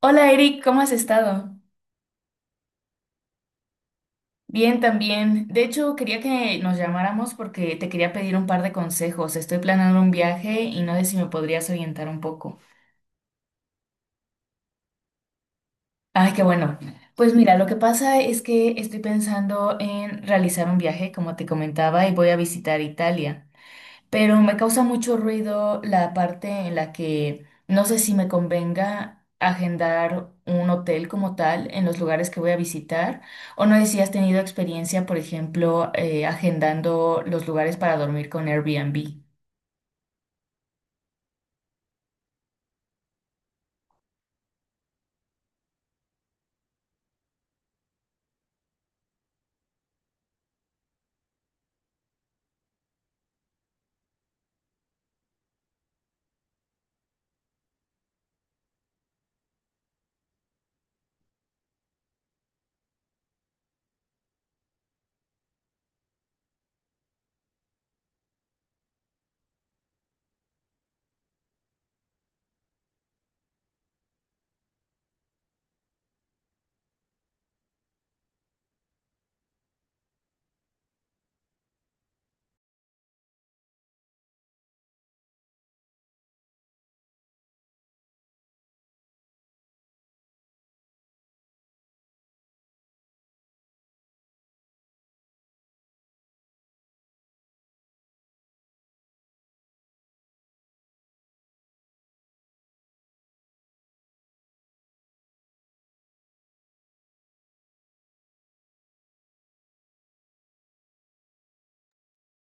Hola Eric, ¿cómo has estado? Bien también. De hecho, quería que nos llamáramos porque te quería pedir un par de consejos. Estoy planeando un viaje y no sé si me podrías orientar un poco. Ay, qué bueno. Pues mira, lo que pasa es que estoy pensando en realizar un viaje, como te comentaba, y voy a visitar Italia, pero me causa mucho ruido la parte en la que no sé si me convenga agendar un hotel como tal en los lugares que voy a visitar, o no sé si has tenido experiencia, por ejemplo, agendando los lugares para dormir con Airbnb.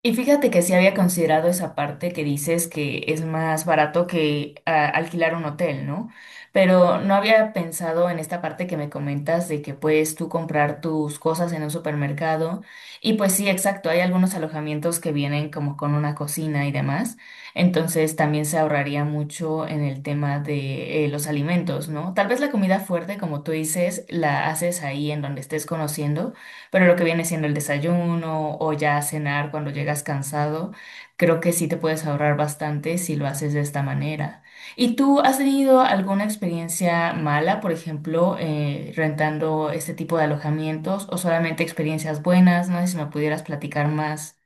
Y fíjate que sí había considerado esa parte que dices que es más barato que alquilar un hotel, ¿no? Pero no había pensado en esta parte que me comentas de que puedes tú comprar tus cosas en un supermercado. Y pues sí, exacto, hay algunos alojamientos que vienen como con una cocina y demás. Entonces también se ahorraría mucho en el tema de los alimentos, ¿no? Tal vez la comida fuerte, como tú dices, la haces ahí en donde estés conociendo, pero lo que viene siendo el desayuno o ya cenar cuando llegas cansado, creo que sí te puedes ahorrar bastante si lo haces de esta manera. ¿Y tú has tenido alguna experiencia mala, por ejemplo, rentando este tipo de alojamientos o solamente experiencias buenas? No sé si me pudieras platicar más.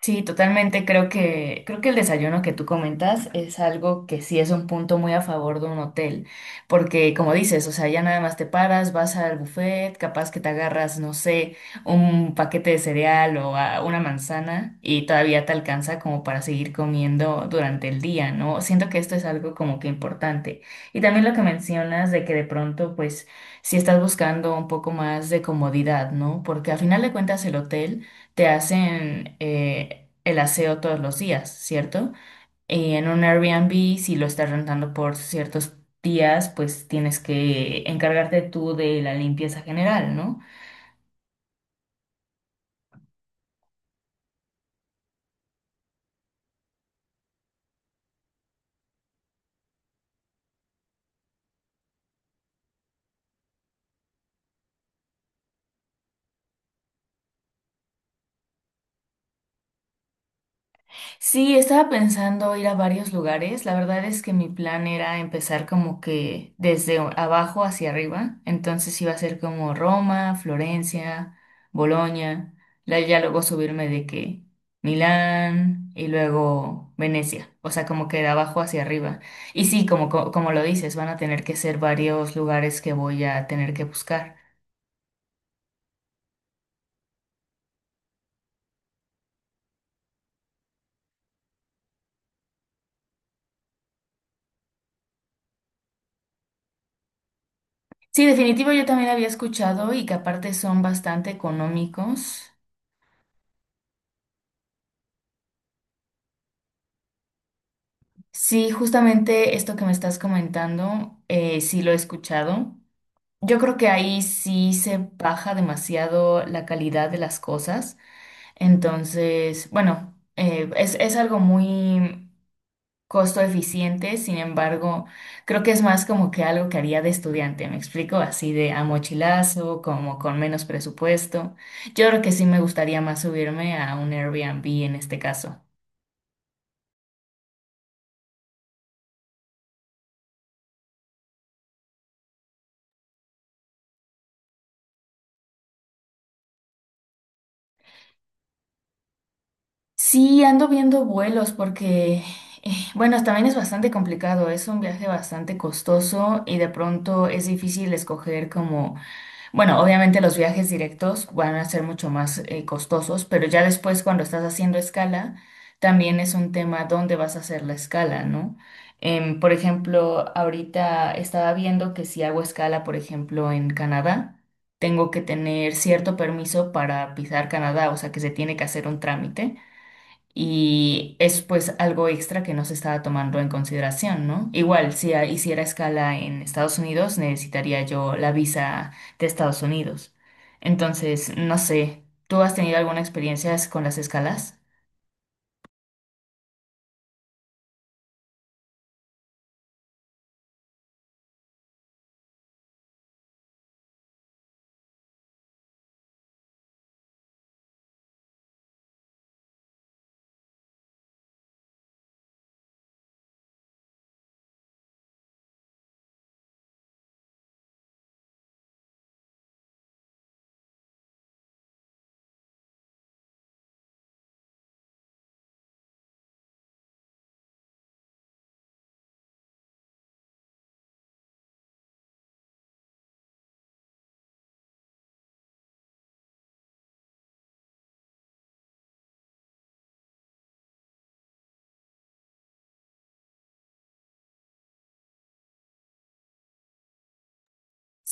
Sí, totalmente. Creo que el desayuno que tú comentas es algo que sí es un punto muy a favor de un hotel, porque como dices, o sea, ya nada más te paras, vas al buffet, capaz que te agarras, no sé, un paquete de cereal o una manzana y todavía te alcanza como para seguir comiendo durante el día, ¿no? Siento que esto es algo como que importante. Y también lo que mencionas de que de pronto, pues, si estás buscando un poco más de comodidad, ¿no? Porque a final de cuentas el hotel te hacen el aseo todos los días, ¿cierto? Y en un Airbnb, si lo estás rentando por ciertos días, pues tienes que encargarte tú de la limpieza general, ¿no? Sí, estaba pensando ir a varios lugares. La verdad es que mi plan era empezar como que desde abajo hacia arriba. Entonces iba a ser como Roma, Florencia, Bolonia. Ya luego subirme de que Milán y luego Venecia. O sea, como que de abajo hacia arriba. Y sí, como, como lo dices, van a tener que ser varios lugares que voy a tener que buscar. Sí, definitivo, yo también había escuchado y que aparte son bastante económicos. Sí, justamente esto que me estás comentando, sí lo he escuchado. Yo creo que ahí sí se baja demasiado la calidad de las cosas. Entonces, bueno, es algo muy costo eficiente, sin embargo, creo que es más como que algo que haría de estudiante, ¿me explico? Así de a mochilazo, como con menos presupuesto. Yo creo que sí me gustaría más subirme a un Airbnb en este caso. Sí, ando viendo vuelos porque, bueno, también es bastante complicado, es un viaje bastante costoso y de pronto es difícil escoger como, bueno, obviamente los viajes directos van a ser mucho más costosos, pero ya después cuando estás haciendo escala, también es un tema dónde vas a hacer la escala, ¿no? Por ejemplo, ahorita estaba viendo que si hago escala, por ejemplo, en Canadá, tengo que tener cierto permiso para pisar Canadá, o sea que se tiene que hacer un trámite. Y es pues algo extra que no se estaba tomando en consideración, ¿no? Igual, si hiciera escala en Estados Unidos, necesitaría yo la visa de Estados Unidos. Entonces, no sé, ¿tú has tenido alguna experiencia con las escalas?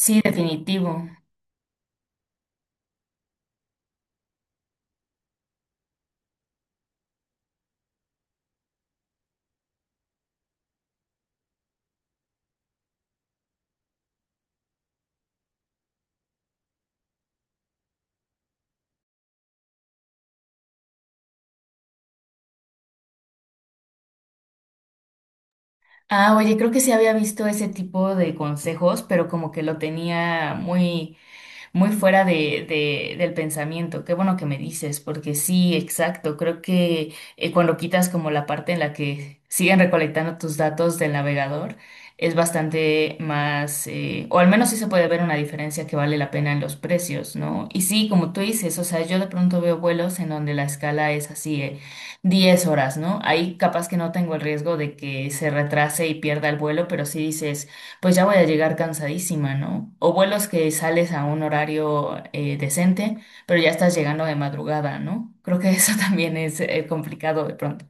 Sí, definitivo. Ah, oye, creo que sí había visto ese tipo de consejos, pero como que lo tenía muy muy fuera de, del pensamiento. Qué bueno que me dices, porque sí, exacto. Creo que cuando quitas como la parte en la que siguen recolectando tus datos del navegador, es bastante más, o al menos sí se puede ver una diferencia que vale la pena en los precios, ¿no? Y sí, como tú dices, o sea, yo de pronto veo vuelos en donde la escala es así, 10 horas, ¿no? Ahí capaz que no tengo el riesgo de que se retrase y pierda el vuelo, pero sí dices pues ya voy a llegar cansadísima, ¿no? O vuelos que sales a un horario decente, pero ya estás llegando de madrugada, ¿no? Creo que eso también es complicado de pronto.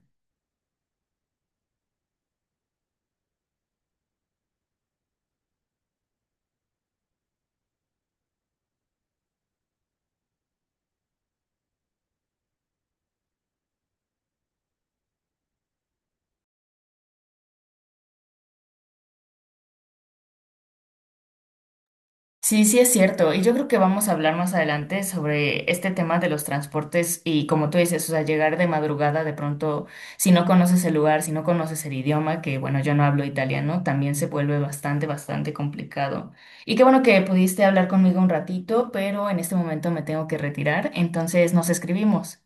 Sí, sí es cierto. Y yo creo que vamos a hablar más adelante sobre este tema de los transportes y como tú dices, o sea, llegar de madrugada de pronto, si no conoces el lugar, si no conoces el idioma, que bueno, yo no hablo italiano, también se vuelve bastante, bastante complicado. Y qué bueno que pudiste hablar conmigo un ratito, pero en este momento me tengo que retirar, entonces nos escribimos.